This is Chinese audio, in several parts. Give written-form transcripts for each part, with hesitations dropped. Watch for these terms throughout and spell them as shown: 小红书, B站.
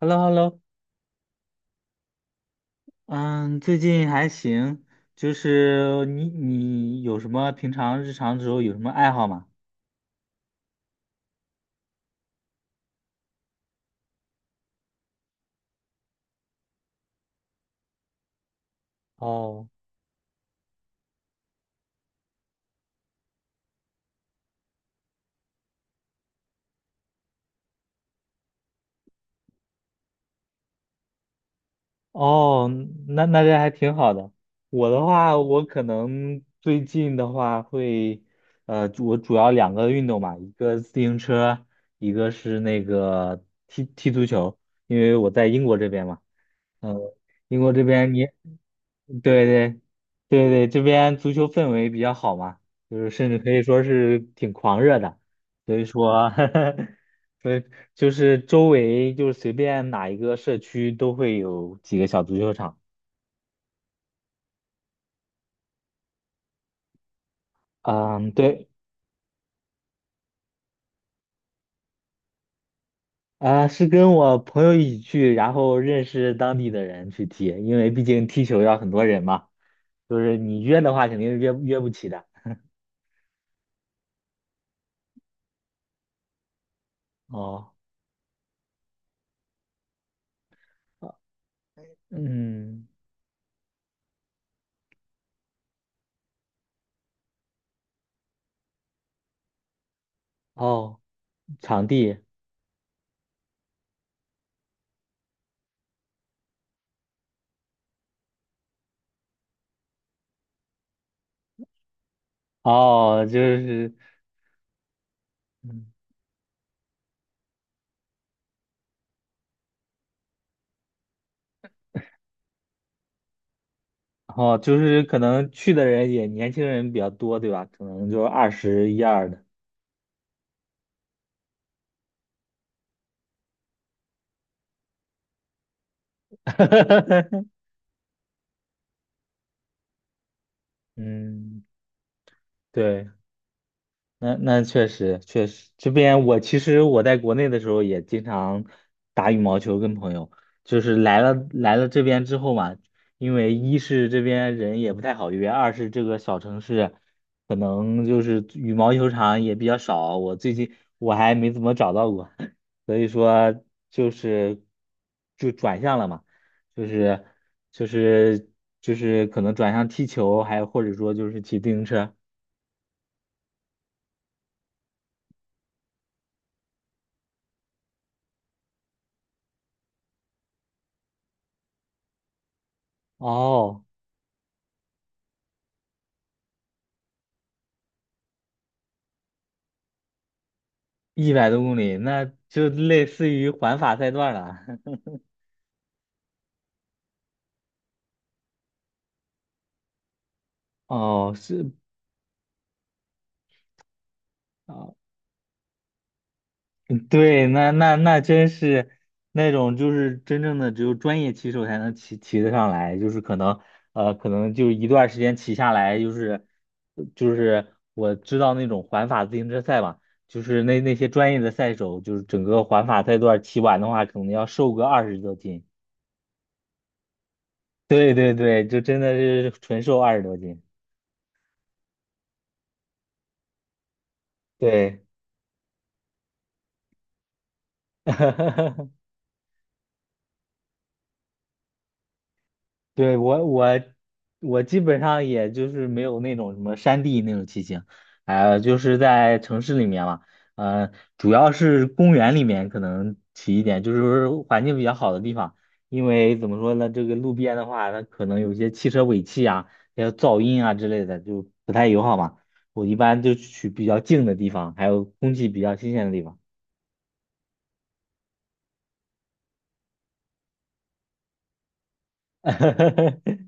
Hello，Hello，嗯，最近还行，就是你有什么平常日常的时候有什么爱好吗？哦。哦，那这还挺好的。我的话，我可能最近的话会，我主要两个运动嘛，一个自行车，一个是那个踢足球，因为我在英国这边嘛。嗯，英国这边你，对对对对，这边足球氛围比较好嘛，就是甚至可以说是挺狂热的，所以说，所以就是周围就是随便哪一个社区都会有几个小足球场。嗯，对，啊，是跟我朋友一起去，然后认识当地的人去踢，因为毕竟踢球要很多人嘛，就是你约的话肯定是约不起的。哦，嗯，哦，场地，哦，就是，嗯哦，就是可能去的人也年轻人比较多，对吧？可能就二十一二的。嗯，对。那确实确实，这边我其实我在国内的时候也经常打羽毛球，跟朋友，就是来了这边之后嘛，因为一是这边人也不太好约，二是这个小城市可能就是羽毛球场也比较少，我最近我还没怎么找到过，所以说就是就转向了嘛，就是就是就是可能转向踢球，还有或者说就是骑自行车。哦。100多公里，那就类似于环法赛段了。哦，是啊，嗯对，那真是那种就是真正的只有专业骑手才能骑得上来，就是可能就一段时间骑下来，就是我知道那种环法自行车赛嘛，就是那些专业的赛手，就是整个环法赛段骑完的话，可能要瘦个二十多斤。对对对，就真的是纯瘦二十多斤。对。对，我基本上也就是没有那种什么山地那种骑行，就是在城市里面嘛，呃，主要是公园里面可能骑一点，就是环境比较好的地方，因为怎么说呢，这个路边的话，它可能有一些汽车尾气啊，还有噪音啊之类的，就不太友好嘛。我一般就去比较静的地方，还有空气比较新鲜的地方。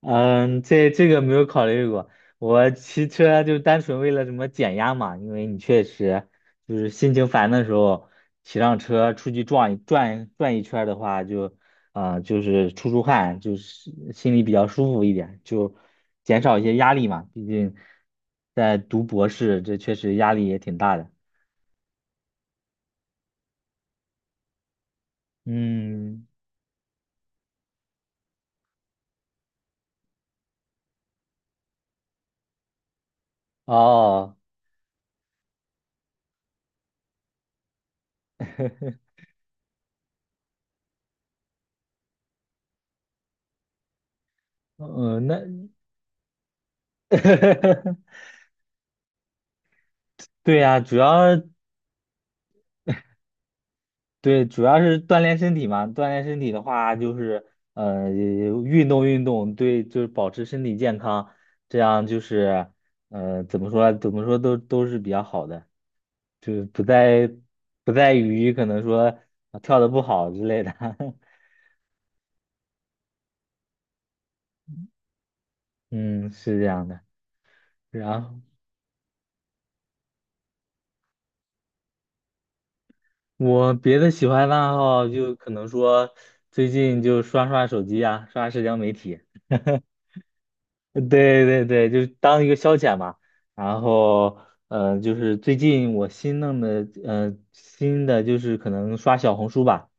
嗯，这个没有考虑过。我骑车就单纯为了什么减压嘛，因为你确实就是心情烦的时候，骑上车出去转一转转一圈儿的话，就是出汗，就是心里比较舒服一点，就减少一些压力嘛。毕竟在读博士，这确实压力也挺大的。嗯，哦。嗯，那 对呀，主要对，主要是锻炼身体嘛。锻炼身体的话，就是运动运动，对，就是保持身体健康，这样就是怎么说都是比较好的，就是不在于可能说啊跳的不好之类的。嗯，是这样的。然后我别的喜欢的爱好就可能说最近就刷刷手机啊，刷社交媒体。对对对，就是当一个消遣嘛。然后，就是最近我新弄的，新的就是可能刷小红书吧。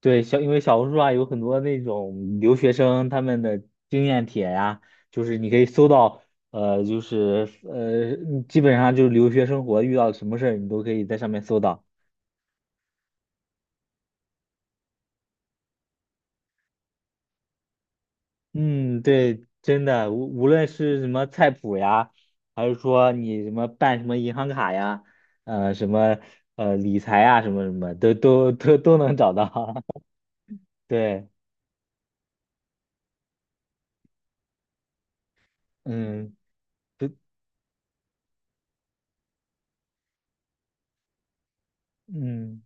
对，因为小红书啊有很多那种留学生他们的经验帖呀，就是你可以搜到，就是基本上就是留学生活遇到什么事儿，你都可以在上面搜到。嗯，对，真的，无论是什么菜谱呀，还是说你什么办什么银行卡呀，什么理财呀，什么什么，都能找到。对，嗯，对，嗯，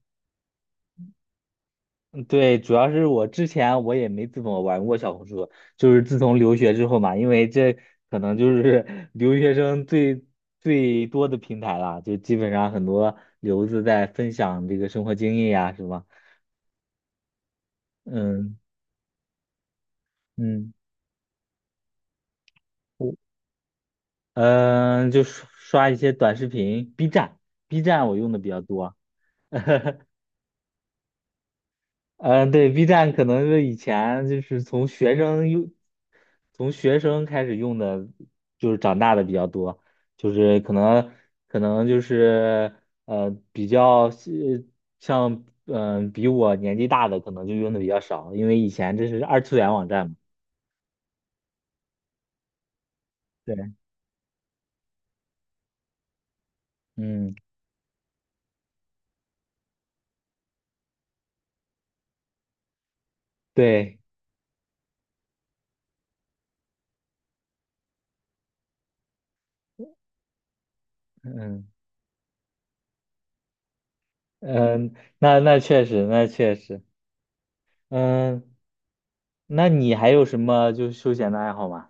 对，主要是我之前我也没怎么玩过小红书，就是自从留学之后嘛，因为这可能就是 留学生最最多的平台了，就基本上很多留子在分享这个生活经验呀，什么，嗯嗯。嗯、就刷一些短视频，B 站，B 站我用的比较多。嗯、对，B 站可能是以前就是从学生用，从学生开始用的，就是长大的比较多，就是可能就是比较是像比我年纪大的可能就用的比较少，因为以前这是二次元网站嘛。对，嗯，对，嗯嗯，那确实，那确实，嗯。那你还有什么就是休闲的爱好吗？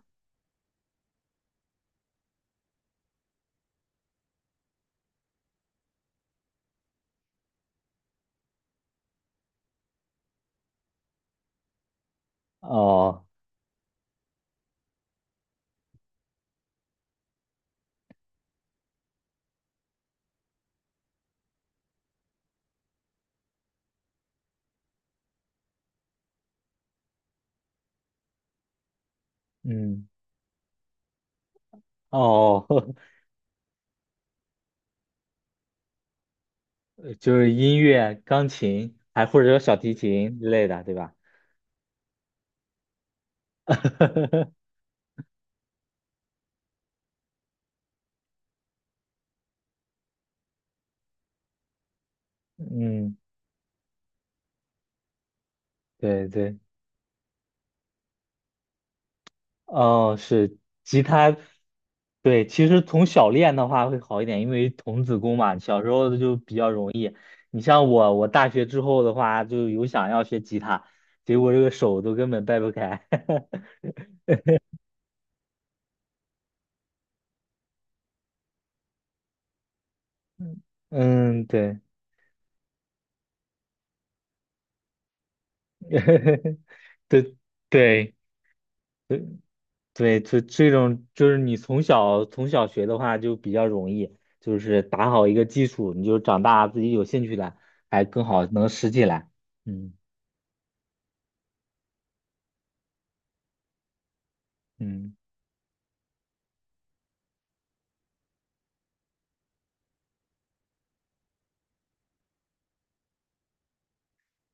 哦，嗯，哦，就是音乐、钢琴，还或者说小提琴之类的，对吧？嗯，对对，哦，是吉他，对，其实从小练的话会好一点，因为童子功嘛，小时候就比较容易。你像我，我大学之后的话，就有想要学吉他，结果这个手都根本掰不开。嗯，对，对对，对，这种就是你从小学的话就比较容易，就是打好一个基础，你就长大自己有兴趣了，还更好能拾起来。嗯嗯，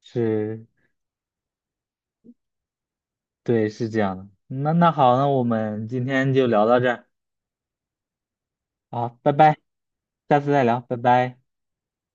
是，对，是这样的。那好，那我们今天就聊到这儿，好，拜拜，下次再聊，拜拜。